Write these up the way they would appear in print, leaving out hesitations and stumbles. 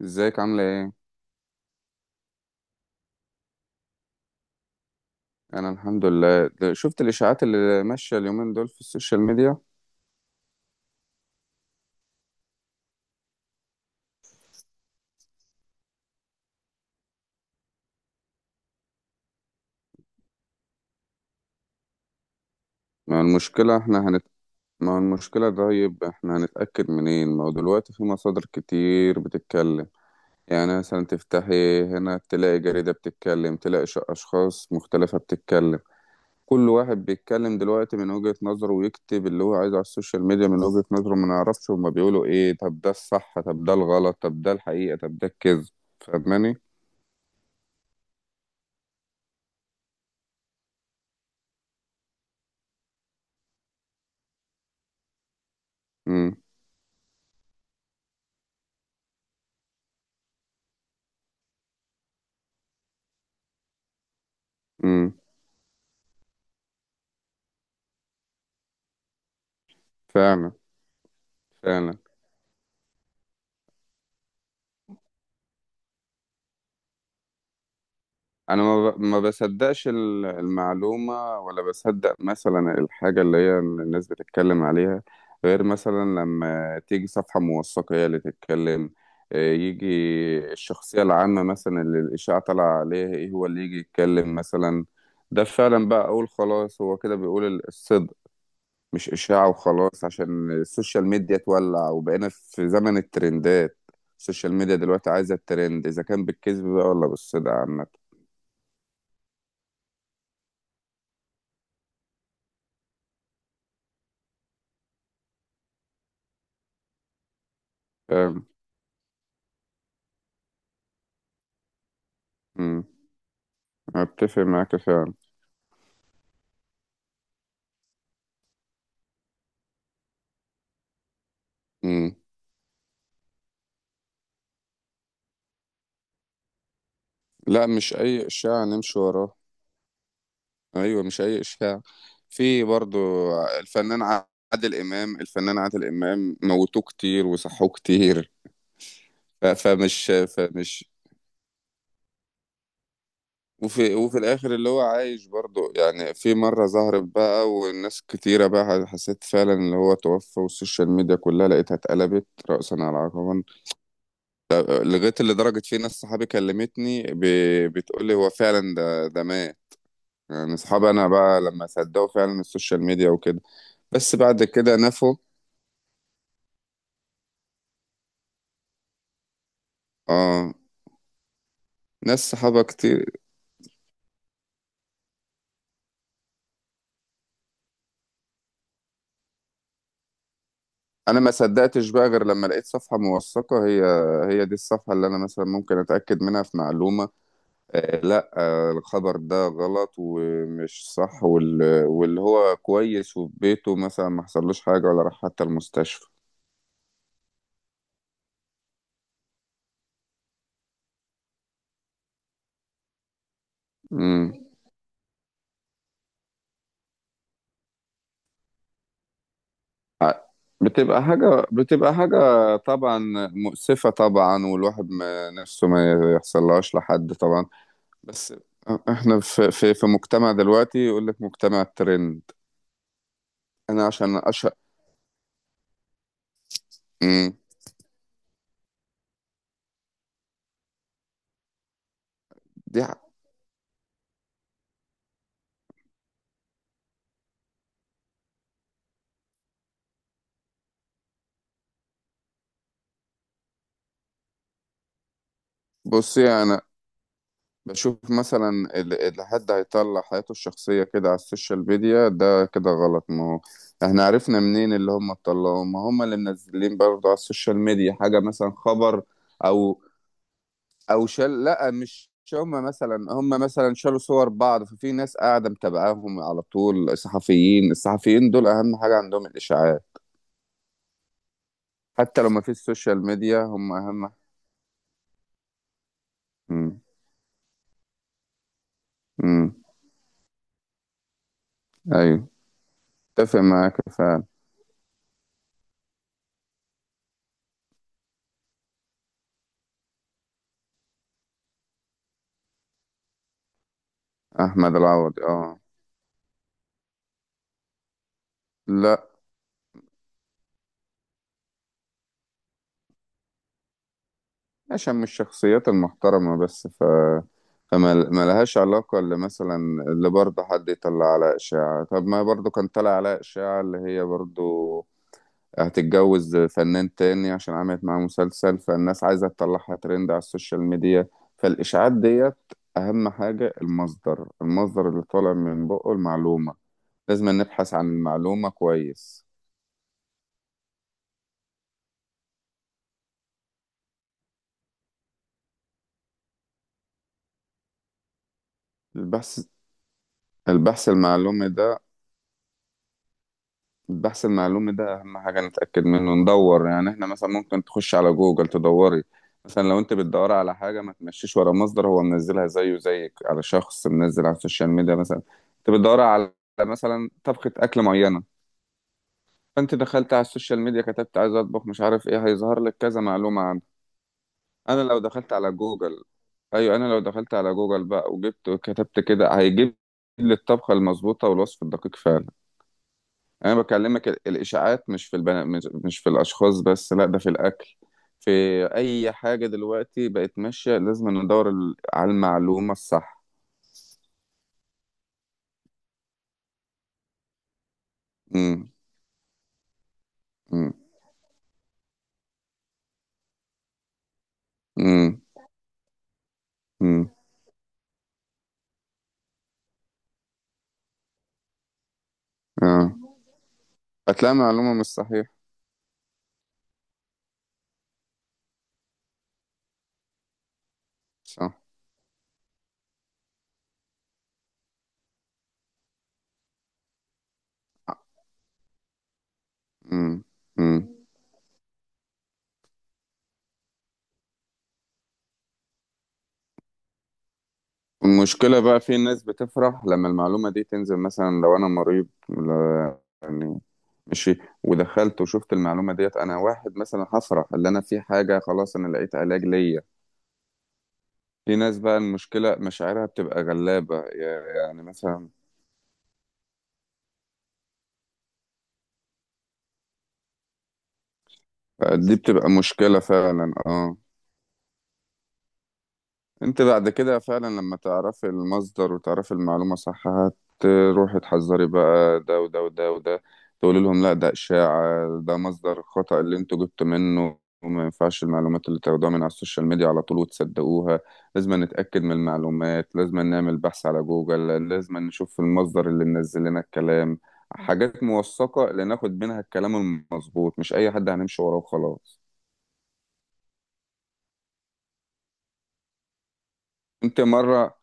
ازيك عاملة ايه؟ انا الحمد لله. شفت الاشاعات اللي ماشية اليومين دول في السوشيال ميديا. ما هو المشكلة احنا هنت... ما هو المشكلة، طيب احنا هنتأكد منين؟ ما هو دلوقتي في مصادر كتير بتتكلم. يعني مثلا تفتحي هنا تلاقي جريدة بتتكلم، تلاقي اشخاص مختلفة بتتكلم. كل واحد بيتكلم دلوقتي من وجهة نظره ويكتب اللي هو عايزه على السوشيال ميديا من وجهة نظره. ما نعرفش هما بيقولوا ايه، طب ده الصح طب ده الغلط طب ده الحقيقة طب ده الكذب. فاهماني؟ امم، امم. فعلا، فعلا. انا ما بصدقش المعلومة، ولا بصدق مثلا الحاجة اللي هي الناس بتتكلم عليها، غير مثلا لما تيجي صفحة موثقة هي اللي تتكلم. يجي الشخصية العامة مثلا اللي الإشاعة طالعة عليها، ايه هو اللي يجي يتكلم مثلا. ده فعلا بقى أقول خلاص هو كده بيقول الصدق. مش إشاعة وخلاص عشان السوشيال ميديا تولع، وبقينا في زمن الترندات. السوشيال ميديا دلوقتي عايزة الترند، إذا كان بالكذب بقى ولا بالصدق عامة. فاهم. مم. أتفق معاك فعلا. مم. لا، مش أي إشاعة نمشي وراه. أيوة مش أي إشاعة. في برضو الفنان الفنان عادل إمام موتوه كتير وصحوه كتير. فمش. وفي الآخر اللي هو عايش برضو، يعني في مرة ظهرت بقى والناس كتيرة بقى حسيت فعلا اللي هو توفى، والسوشيال ميديا كلها لقيتها اتقلبت رأسا على عقبا. لغاية اللي درجة في ناس صحابي كلمتني بتقولي هو فعلا ده مات. يعني اصحابي انا بقى لما صدقوا فعلا السوشيال ميديا وكده. بس بعد كده نفوا. اه، ناس صحابة كتير. انا ما صدقتش بقى غير لما لقيت صفحة موثقة، هي هي دي الصفحة اللي انا مثلا ممكن اتاكد منها في معلومة. آه لا، آه الخبر ده غلط ومش صح، واللي هو كويس وفي بيته مثلا ما حصلوش حاجة ولا راح حتى المستشفى. امم. بتبقى حاجة بتبقى حاجة. طبعا. مؤسفة طبعا، والواحد ما نفسه ما يحصلهاش لحد طبعا. بس احنا في مجتمع دلوقتي، يقول لك مجتمع الترند. انا عشان اشهر. امم. دي ح- بصي، انا بشوف مثلا اللي حد هيطلع حياته الشخصية كده على السوشيال ميديا ده كده غلط. ما هو احنا عرفنا منين اللي هم طلعوه، ما هم اللي منزلين برضه على السوشيال ميديا حاجة مثلا خبر. او. او شال لا، مش هم مثلا شالوا صور بعض. ففي ناس قاعدة متابعاهم على طول، الصحفيين دول اهم حاجة عندهم الاشاعات، حتى لو ما فيش سوشيال ميديا هم اهم. امم، امم. ايوه، اتفق معاك فعلا. احمد العوضي اه. لا، عشان مش الشخصيات المحترمه بس. فما ما لهاش علاقه. اللي مثلا اللي برضه حد يطلع على اشاعه، طب ما برضه كان طلع على اشاعه اللي هي برضه هتتجوز فنان تاني عشان عملت معاه مسلسل، فالناس عايزه تطلعها ترند على السوشيال ميديا. فالاشاعات ديت، اهم حاجه المصدر اللي طالع من بقه المعلومه. لازم نبحث عن المعلومة كويس. البحث. البحث المعلومي ده البحث المعلومي ده أهم حاجة نتأكد منه. ندور، يعني احنا مثلا ممكن تخش على جوجل تدوري. مثلا لو انت بتدوري على حاجة، ما تمشيش ورا مصدر هو منزلها زيه زيك، على شخص منزل على السوشيال ميديا مثلا. انت بتدوري على مثلا طبخة أكل معينة، فانت دخلت على السوشيال ميديا كتبت عايز اطبخ مش عارف ايه، هيظهر لك كذا معلومة. انا لو دخلت على جوجل ايوه، انا لو دخلت على جوجل بقى وجبت وكتبت كده، هيجيب لي الطبخه المظبوطه والوصف الدقيق فعلا. انا بكلمك الاشاعات مش في مش في الاشخاص بس، لا ده في الاكل. في اي حاجه دلوقتي بقت ماشيه، لازم ندور على المعلومه الصح. امم، امم، امم، امم. اه، هتلاقي معلومه مش صحيحه. صح. امم، امم. المشكلة بقى في ناس بتفرح لما المعلومة دي تنزل. مثلا لو أنا مريض، يعني ماشي، ودخلت وشفت المعلومة ديت، أنا واحد مثلا هفرح اللي أنا في حاجة، خلاص أنا لقيت علاج ليا. في ناس بقى المشكلة مشاعرها بتبقى غلابة، يعني مثلا. دي بتبقى مشكلة فعلا، اه. انت بعد كده فعلا لما تعرفي المصدر وتعرفي المعلومة صح، هتروحي تحذري بقى ده وده وده وده، تقولي لهم لا ده إشاعة، ده مصدر خطأ اللي انتوا جبتوا منه، وما ينفعش المعلومات اللي تاخدوها من على السوشيال ميديا على طول وتصدقوها. لازم نتأكد من المعلومات، لازم نعمل بحث على جوجل، لازم نشوف المصدر اللي منزل لنا الكلام. حاجات موثقة اللي ناخد منها الكلام المظبوط، مش أي حد هنمشي وراه وخلاص. انت مرة.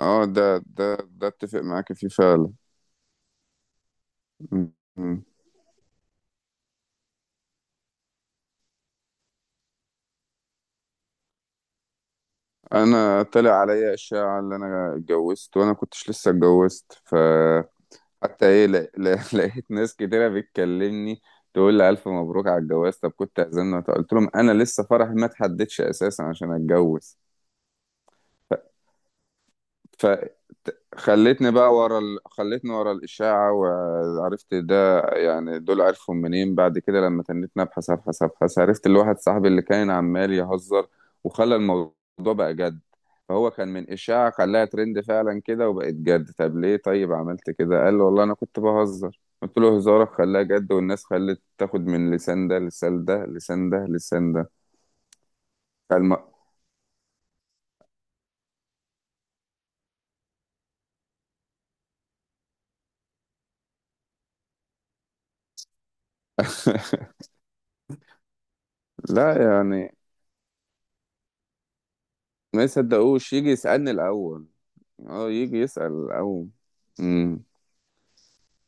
اه، ده اتفق معاك فيه فعلا. م- م. انا طلع عليا اشاعة اللي انا اتجوزت، وانا كنتش لسه اتجوزت. حتى ايه، لا، لا. لقيت ناس كتيرة بتكلمني تقول لي الف مبروك على الجواز، طب كنت اعزمنا. قلت لهم انا لسه فرحي ما اتحددش اساسا عشان اتجوز. خلتني ورا الإشاعة وعرفت ده. يعني دول عرفهم منين؟ بعد كده لما تنيت أبحث أبحث أبحث، عرفت اللي واحد صاحبي اللي كان عمال يهزر وخلى الموضوع بقى جد. فهو كان من إشاعة، خلاها ترند فعلا كده وبقت جد. طب ليه طيب عملت كده؟ قال له والله أنا كنت بهزر. قلت له هزارك خلاها جد، والناس خلت تاخد من لسان ده لسان ده لسان ده لسان ده. فالم... لا يعني، ما يصدقوش، يجي يسألني الأول. اه، يجي يسأل. او، مم.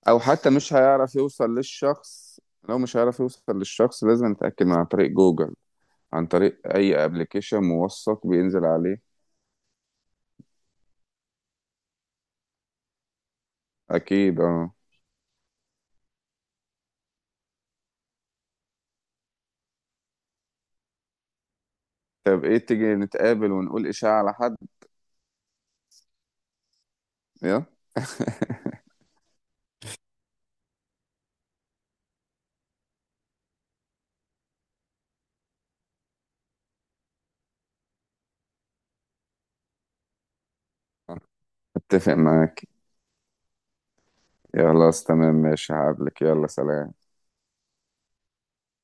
او حتى مش هيعرف يوصل للشخص. لو مش هيعرف يوصل للشخص، لازم نتأكد من عن طريق جوجل، عن طريق اي ابلكيشن موثق بينزل عليه. اكيد اه. طب ايه، تيجي نتقابل ونقول اشاعة على حد. يلا. اتفق معاك. خلاص تمام، ماشي، هقابلك، يلا سلام.